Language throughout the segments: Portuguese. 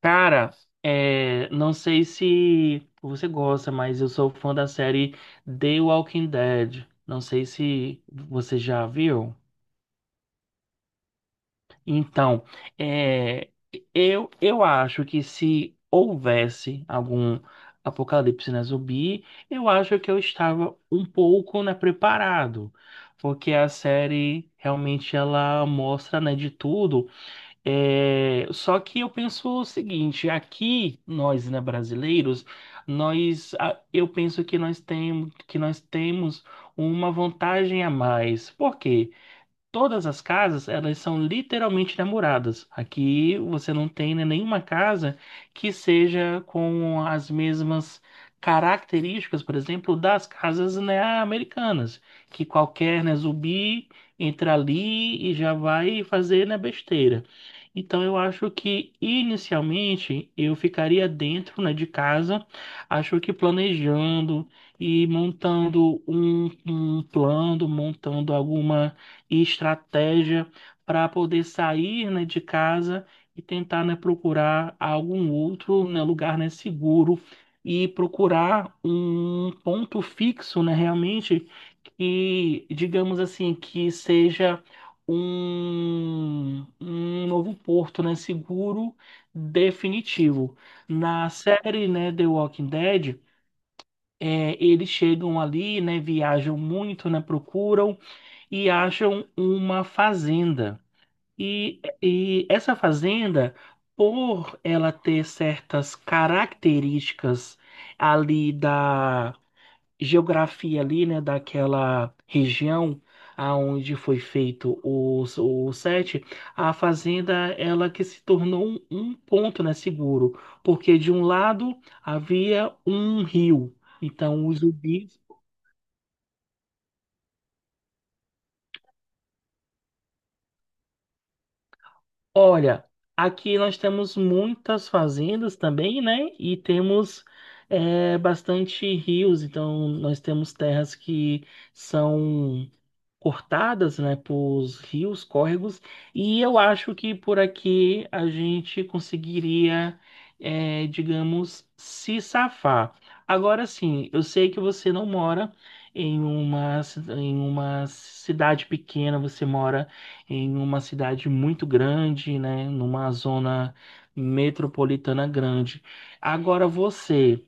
Cara, não sei se você gosta, mas eu sou fã da série The Walking Dead. Não sei se você já viu. Então, é, eu acho que se houvesse algum apocalipse na zumbi, eu acho que eu estava um pouco, né, preparado. Porque a série realmente ela mostra, né, de tudo. É, só que eu penso o seguinte, aqui nós, né, brasileiros, eu penso que que nós temos uma vantagem a mais. Por quê? Todas as casas, elas são literalmente namoradas. Aqui você não tem, né, nenhuma casa que seja com as mesmas características, por exemplo, das casas, né, americanas, que qualquer, né, zumbi entra ali e já vai fazer, né, besteira. Então eu acho que inicialmente eu ficaria dentro, né, de casa, acho que planejando e montando um plano, montando alguma e estratégia para poder sair, né, de casa e tentar, né, procurar algum outro, né, lugar, né, seguro e procurar um ponto fixo, né, realmente que, digamos assim, que seja um novo porto, né, seguro definitivo. Na série, né, The Walking Dead, eles chegam ali, né, viajam muito, né, procuram e acham uma fazenda. E essa fazenda, por ela ter certas características ali da geografia ali, né, daquela região aonde foi feito o set, a fazenda ela que se tornou um ponto, né, seguro, porque de um lado havia um rio, então os zumbis. Olha, aqui nós temos muitas fazendas também, né? E temos bastante rios, então nós temos terras que são cortadas, né, por rios, córregos, e eu acho que por aqui a gente conseguiria, é, digamos, se safar. Agora sim, eu sei que você não mora em uma cidade pequena, você mora em uma cidade muito grande, né, numa zona metropolitana grande. Agora você,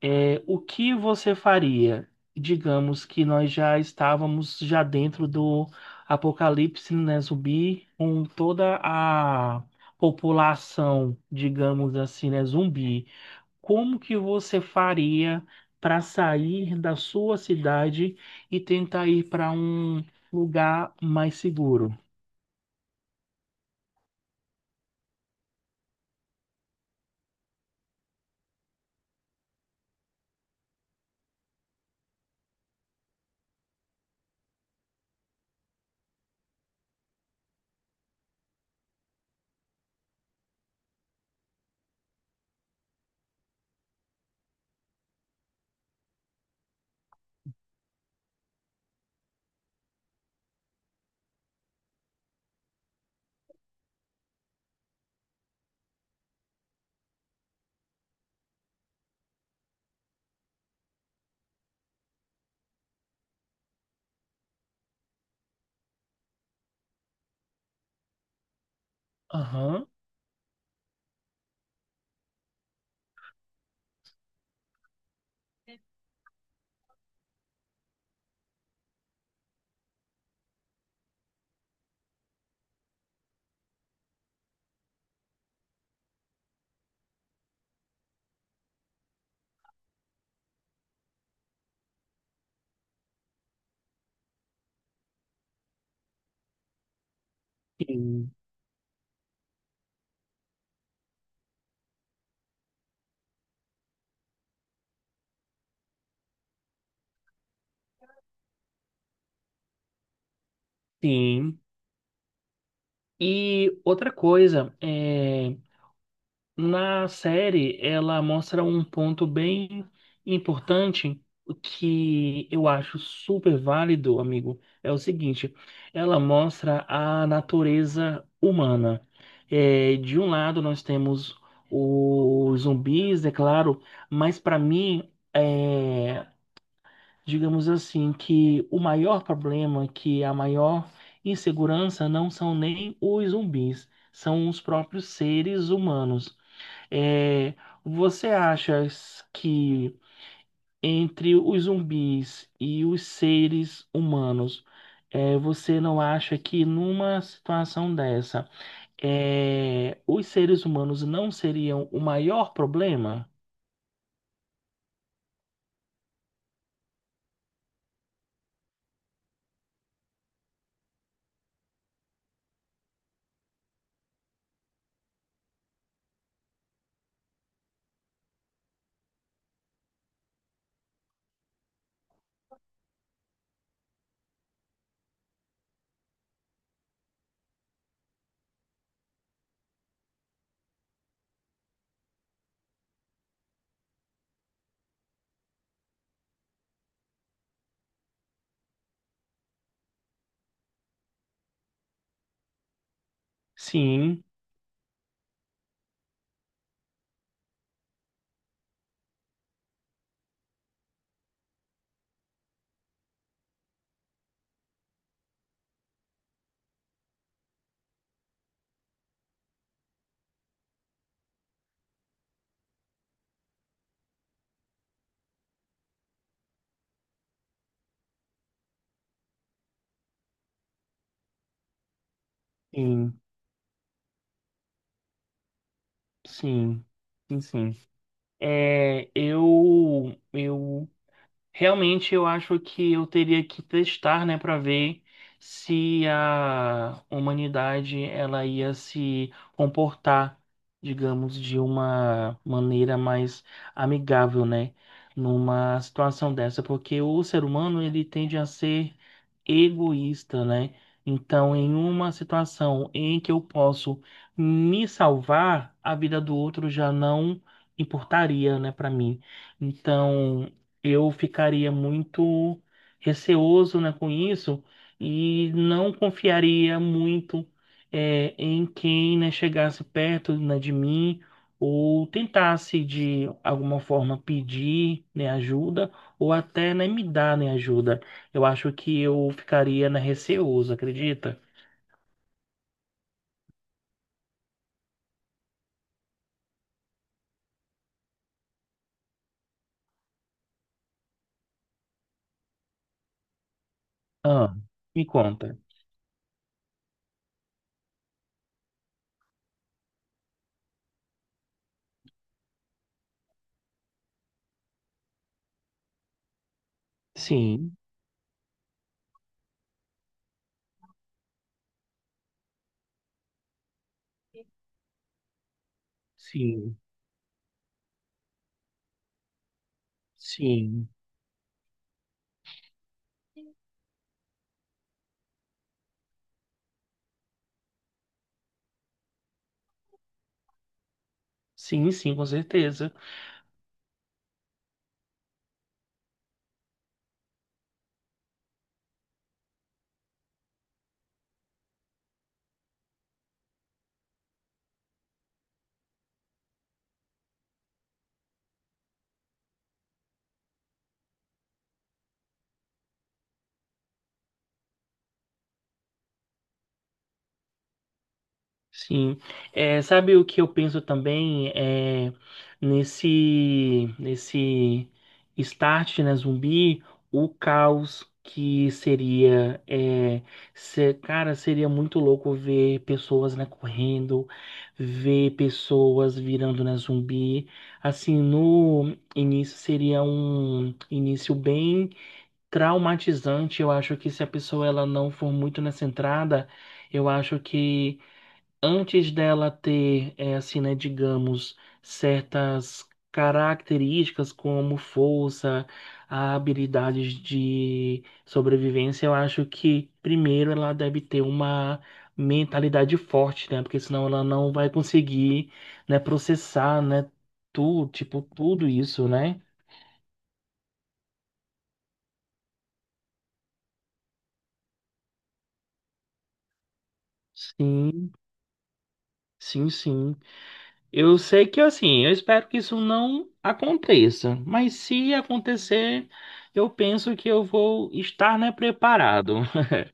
é, o que você faria? Digamos que nós já estávamos já dentro do apocalipse, né, zumbi, com toda a população, digamos assim, né, zumbi. Como que você faria para sair da sua cidade e tentar ir para um lugar mais seguro? Aham. Sim. Sim. E outra coisa, é, na série, ela mostra um ponto bem importante que eu acho super válido, amigo. É o seguinte: ela mostra a natureza humana. É, de um lado, nós temos os zumbis, é claro, mas para mim, digamos assim, que o maior problema, que a maior insegurança, não são nem os zumbis, são os próprios seres humanos. é, você acha que entre os zumbis e os seres humanos, você não acha que numa situação dessa, os seres humanos não seriam o maior problema? Sim, sim, sim, sim, sim. Eu realmente eu acho que eu teria que testar, né, para ver se a humanidade ela ia se comportar, digamos, de uma maneira mais amigável, né, numa situação dessa, porque o ser humano ele tende a ser egoísta, né? Então, em uma situação em que eu posso me salvar, a vida do outro já não importaria, né, para mim. Então, eu ficaria muito receoso, né, com isso e não confiaria muito em quem, né, chegasse perto, né, de mim ou tentasse de alguma forma pedir, né, ajuda ou até, né, me dar, né, ajuda. Eu acho que eu ficaria na receoso, acredita? Ah, me conta. Sim, sim, sim, sim, sim, com certeza. Sim, é, sabe o que eu penso também é nesse start na zumbi, o caos que seria é, se- cara, seria muito louco ver pessoas né, correndo, ver pessoas virando na zumbi. Assim, no início seria um início bem traumatizante. Eu acho que se a pessoa ela não for muito nessa entrada, eu acho que antes dela ter, eh, assim, né, digamos, certas características como força, habilidades de sobrevivência, eu acho que primeiro ela deve ter uma mentalidade forte, né? Porque senão ela não vai conseguir, né, processar, né, tudo, tipo, tudo isso, né? Sim, sim, sim. Eu sei que assim, eu espero que isso não aconteça, mas se acontecer, eu penso que eu vou estar, né, preparado.